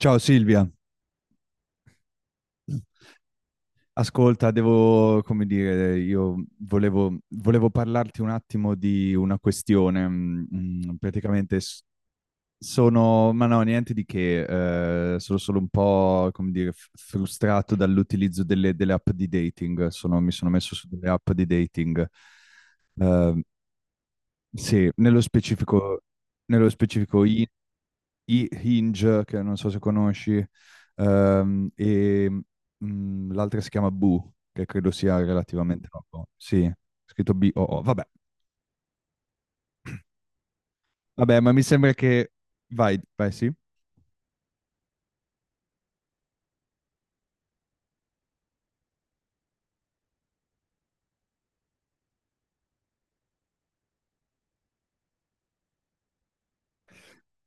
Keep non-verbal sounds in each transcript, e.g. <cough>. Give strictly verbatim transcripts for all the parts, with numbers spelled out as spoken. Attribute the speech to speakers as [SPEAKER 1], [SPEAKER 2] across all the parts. [SPEAKER 1] Ciao Silvia, ascolta, devo, come dire, io volevo, volevo parlarti un attimo di una questione. mm, mm, Praticamente s- sono, ma no, niente di che, eh, sono solo un po', come dire, f- frustrato dall'utilizzo delle, delle app di dating. Sono- mi sono messo su delle app di dating. Eh, sì, nello specifico, nello specifico i Hinge, che non so se conosci, ehm, e mm, l'altra si chiama Boo, che credo sia relativamente nuovo. Sì, scritto B-O-O. Vabbè, vabbè, ma mi sembra che... Vai, vai, sì,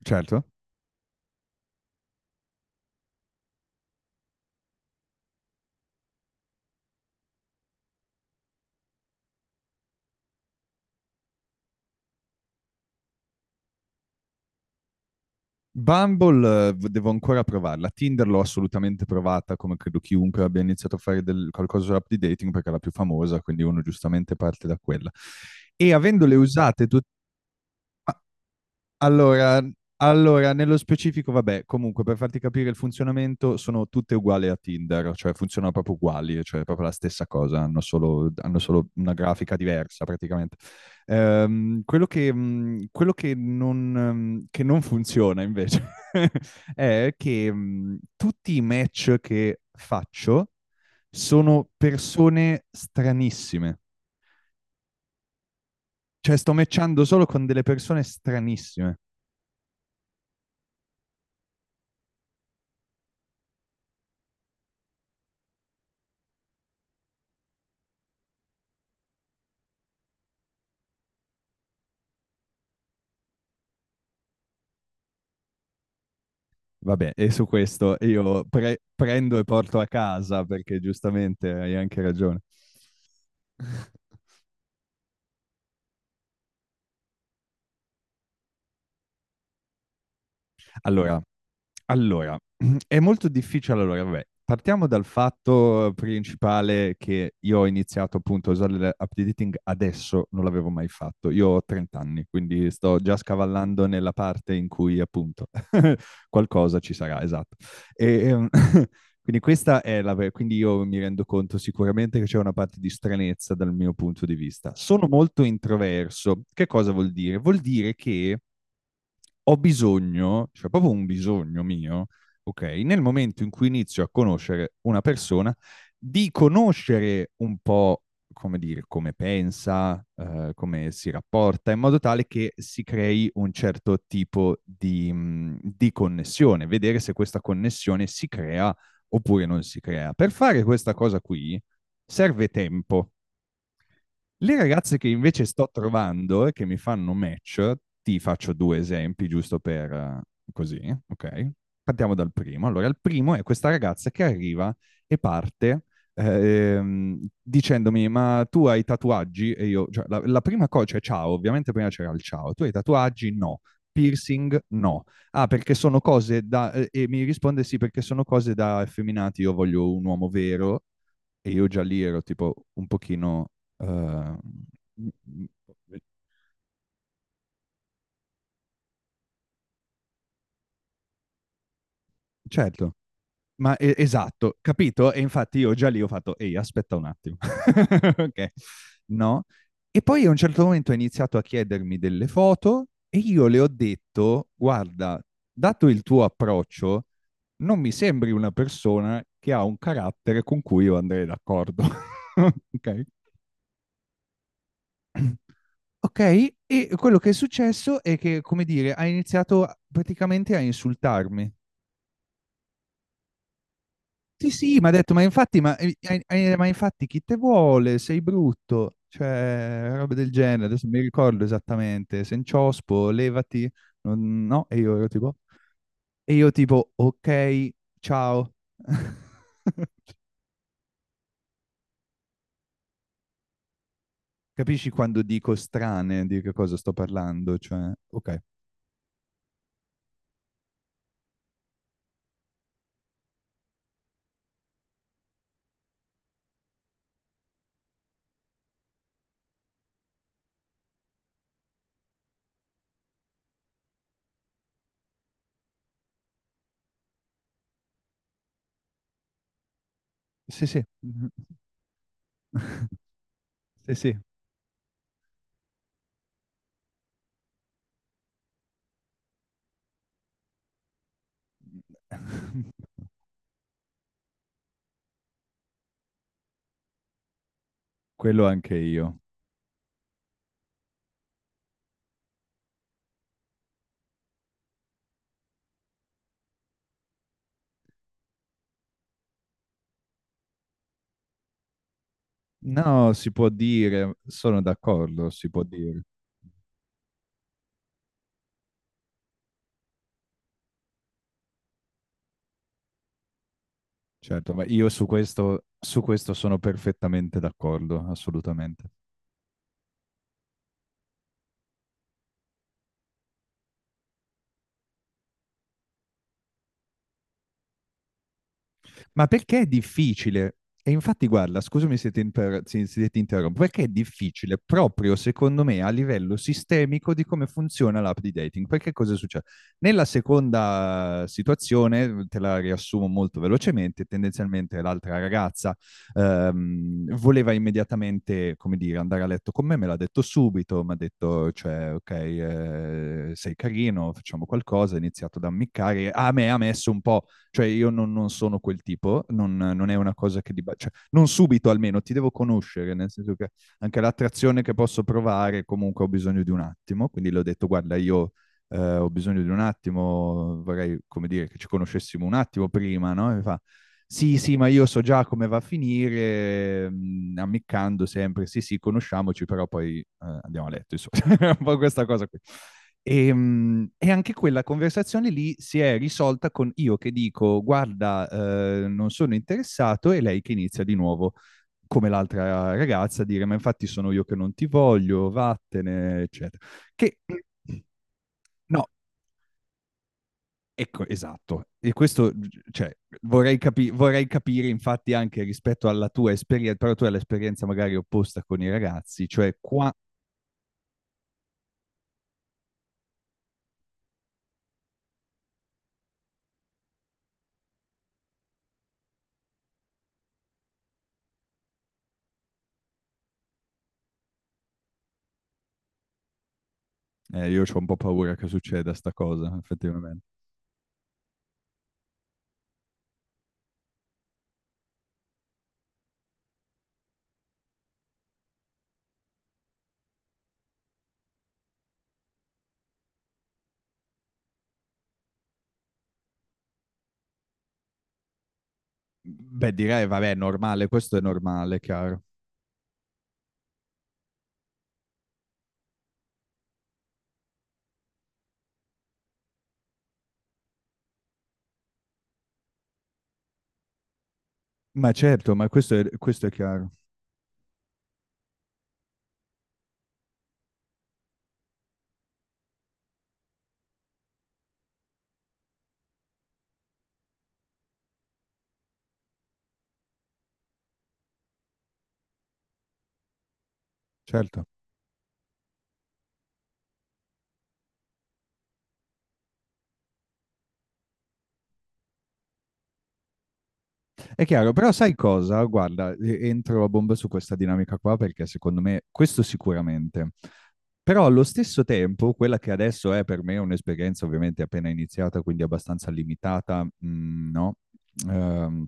[SPEAKER 1] certo. Bumble eh, v- devo ancora provarla. Tinder l'ho assolutamente provata, come credo chiunque abbia iniziato a fare del- qualcosa sull'app di dating, perché è la più famosa, quindi uno giustamente parte da quella. E avendole usate tutte... Allora, allora, nello specifico, vabbè, comunque per farti capire il funzionamento sono tutte uguali a Tinder, cioè funzionano proprio uguali, cioè è proprio la stessa cosa, hanno solo, hanno solo una grafica diversa praticamente. Ehm, quello che, mh, quello che non, ehm, che non funziona invece <laughs> è che mh, tutti i match che faccio sono persone stranissime, cioè sto matchando solo con delle persone stranissime. Vabbè, e su questo io pre- prendo e porto a casa perché giustamente hai anche ragione. <laughs> Allora, allora, <clears throat> è molto difficile. Allora, vabbè, partiamo dal fatto principale che io ho iniziato appunto a usare l'app di dating adesso, non l'avevo mai fatto. Io ho trenta anni, quindi sto già scavallando nella parte in cui appunto <laughs> qualcosa ci sarà, esatto. E, ehm, <laughs> quindi questa è la... ver- Quindi io mi rendo conto sicuramente che c'è una parte di stranezza dal mio punto di vista. Sono molto introverso. Che cosa vuol dire? Vuol dire che ho bisogno, cioè proprio un bisogno mio, ok, nel momento in cui inizio a conoscere una persona, di conoscere un po' come dire, come pensa, eh, come si rapporta, in modo tale che si crei un certo tipo di, mh, di connessione, vedere se questa connessione si crea oppure non si crea. Per fare questa cosa qui serve tempo, le ragazze che invece sto trovando e che mi fanno match, ti faccio due esempi giusto per eh, così, ok? Partiamo dal primo. Allora, il primo è questa ragazza che arriva e parte ehm, dicendomi: Ma tu hai tatuaggi? E io, cioè, la, la prima cosa, cioè, ciao, ovviamente prima c'era il ciao, tu hai tatuaggi? No. Piercing? No. Ah, perché sono cose da... eh, E mi risponde sì, perché sono cose da effeminati, io voglio un uomo vero e io già lì ero tipo un pochino... eh, certo, ma e- esatto, capito? E infatti io già lì ho fatto, ehi, aspetta un attimo. <laughs> Ok, no? E poi a un certo momento ha iniziato a chiedermi delle foto e io le ho detto, guarda, dato il tuo approccio, non mi sembri una persona che ha un carattere con cui io andrei d'accordo. <laughs> Ok? Ok, e quello che è successo è che, come dire, ha iniziato a- praticamente a insultarmi. Sì, sì, mi ha detto, ma infatti, ma, eh, eh, ma infatti chi te vuole? Sei brutto, cioè, roba del genere, adesso non mi ricordo esattamente, senciospo, levati, non- no? E io ero tipo, e io tipo, ok, ciao. <laughs> Capisci quando dico strane di che cosa sto parlando? Cioè, ok, sì, sì, <laughs> sì, sì. <laughs> Quello anche io. No, si può dire, sono d'accordo, si può dire. Certo, ma io su questo, su questo sono perfettamente d'accordo, assolutamente. Ma perché è difficile? E infatti, guarda, scusami se ti, inter- se- se ti interrompo, perché è difficile proprio secondo me a livello sistemico di come funziona l'app di dating? Perché cosa succede? Nella seconda situazione, te la riassumo molto velocemente, tendenzialmente l'altra ragazza ehm, voleva immediatamente, come dire, andare a letto con me, me l'ha detto subito, mi ha detto, cioè, ok, eh, sei carino, facciamo qualcosa, ha iniziato ad ammiccare, a me ha messo un po'. Cioè io non, non sono quel tipo, non, non è una cosa che... Diba- cioè, non subito almeno, ti devo conoscere, nel senso che anche l'attrazione che posso provare comunque ho bisogno di un attimo, quindi le ho detto guarda io eh, ho bisogno di un attimo, vorrei, come dire, che ci conoscessimo un attimo prima, no? E mi fa, sì, sì, ma io so già come va a finire, mm, ammiccando sempre, sì, sì, conosciamoci, però poi eh, andiamo a letto, insomma, <laughs> un po' questa cosa qui. E, mm, e anche quella conversazione lì si è risolta con io che dico, guarda, eh, non sono interessato, e lei che inizia di nuovo come l'altra ragazza, a dire ma infatti sono io che non ti voglio, vattene, eccetera. Che no, ecco, esatto. E questo, cioè, vorrei, capi- vorrei capire infatti anche rispetto alla tua esperienza, però tu hai l'esperienza magari opposta con i ragazzi, cioè qua, eh, io ho un po' paura che succeda sta cosa, effettivamente. Beh, direi, vabbè, è normale, questo è normale, chiaro. Ma certo, ma questo è, questo è chiaro. Certo, è chiaro, però sai cosa? Guarda, e- entro a bomba su questa dinamica qua perché secondo me questo sicuramente, Però allo stesso tempo, quella che adesso è per me un'esperienza ovviamente appena iniziata, quindi abbastanza limitata, mm, no? Ehm,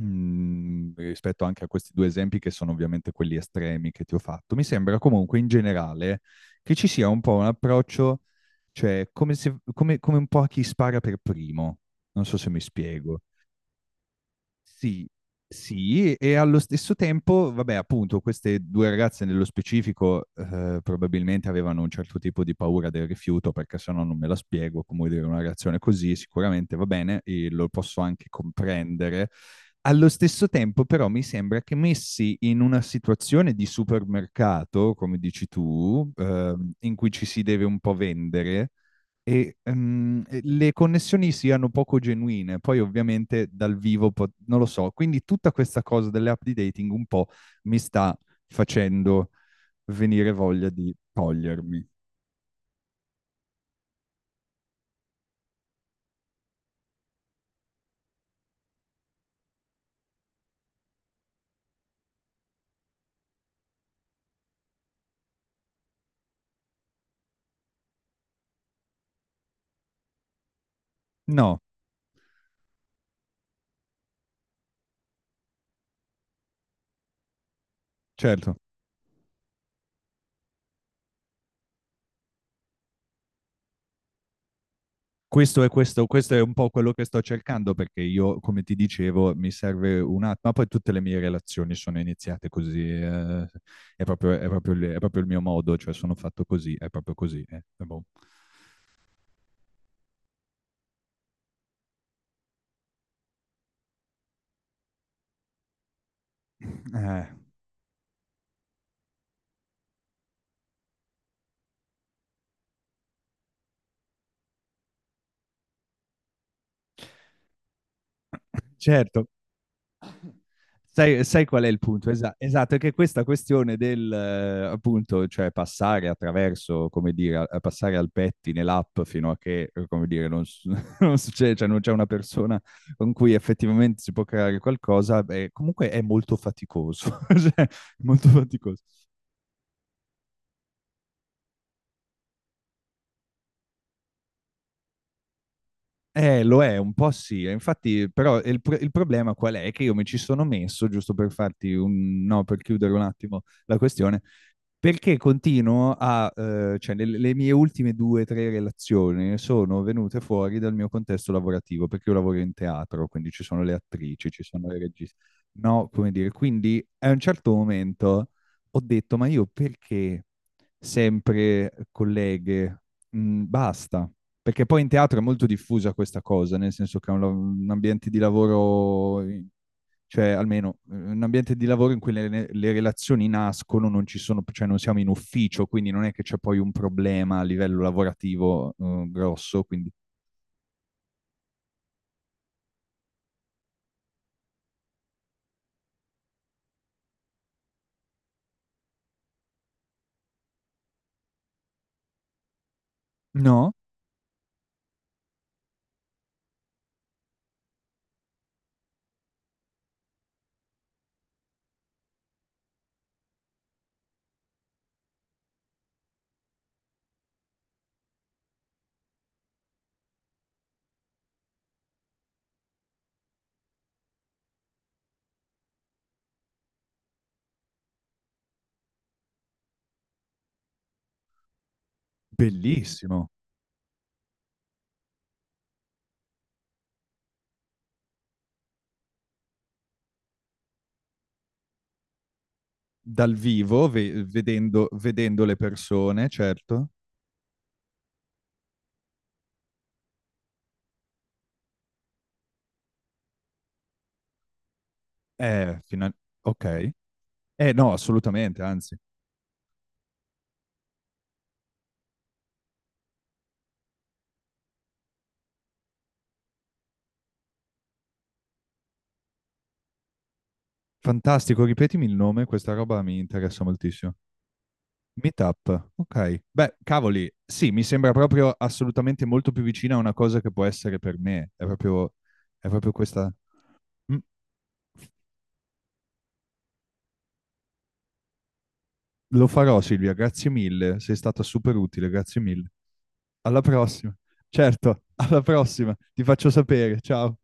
[SPEAKER 1] mm, rispetto anche a questi due esempi che sono ovviamente quelli estremi che ti ho fatto, mi sembra comunque in generale che ci sia un po' un approccio, cioè come se- come- come un po' a chi spara per primo. Non so se mi spiego. Sì, sì, e allo stesso tempo, vabbè, appunto, queste due ragazze nello specifico eh, probabilmente avevano un certo tipo di paura del rifiuto, perché se no non me la spiego, come dire, una reazione così sicuramente va bene e lo posso anche comprendere. Allo stesso tempo, però, mi sembra che messi in una situazione di supermercato, come dici tu, ehm, in cui ci si deve un po' vendere, e ehm, e le connessioni siano poco genuine. Poi ovviamente dal vivo po- non lo so. Quindi tutta questa cosa delle app di dating un po' mi sta facendo venire voglia di togliermi. No, certo. Questo è, questo, questo è un po' quello che sto cercando perché io, come ti dicevo, mi serve un attimo, ma poi tutte le mie relazioni sono iniziate così, eh, è proprio, è proprio il è proprio il mio modo, cioè sono fatto così, è proprio così. Eh, boh. Eh, certo, Sai, sai qual è il punto? Esa- esatto, è che questa questione del, eh, appunto, cioè passare attraverso, come dire, a- a passare al pettine l'app fino a che, eh, come dire, non, s- <laughs> non succede, cioè non c'è una persona con cui effettivamente si può creare qualcosa, beh, comunque è molto faticoso, <laughs> cioè, è molto faticoso. Eh, lo è, un po' sì. E Infatti, però, il, pro- il problema qual è? Che io mi ci sono messo, giusto per farti un... No, per chiudere un attimo la questione, perché continuo a... eh, cioè, le, le mie ultime due o tre relazioni sono venute fuori dal mio contesto lavorativo, perché io lavoro in teatro, quindi ci sono le attrici, ci sono le registe. No, come dire, quindi a un certo momento ho detto, ma io perché sempre eh, colleghe? Mm, basta. Perché poi in teatro è molto diffusa questa cosa, nel senso che è un, lav- un ambiente di lavoro, in- cioè almeno eh, un ambiente di lavoro in cui le, le- le relazioni nascono, non ci sono, cioè non siamo in ufficio, quindi non è che c'è poi un problema a livello lavorativo, eh, grosso, quindi... No, bellissimo. Dal vivo, ve- vedendo, vedendo le persone, certo. Eh, fino- ok. Eh no, assolutamente, anzi. Fantastico, ripetimi il nome, questa roba mi interessa moltissimo. Meetup, ok. Beh, cavoli, sì, mi sembra proprio assolutamente molto più vicina a una cosa che può essere per me. È proprio, è proprio questa. Mm. Lo farò, Silvia, grazie mille. Sei stata super utile, grazie mille. Alla prossima. Certo, <laughs> alla prossima. Ti faccio sapere. Ciao.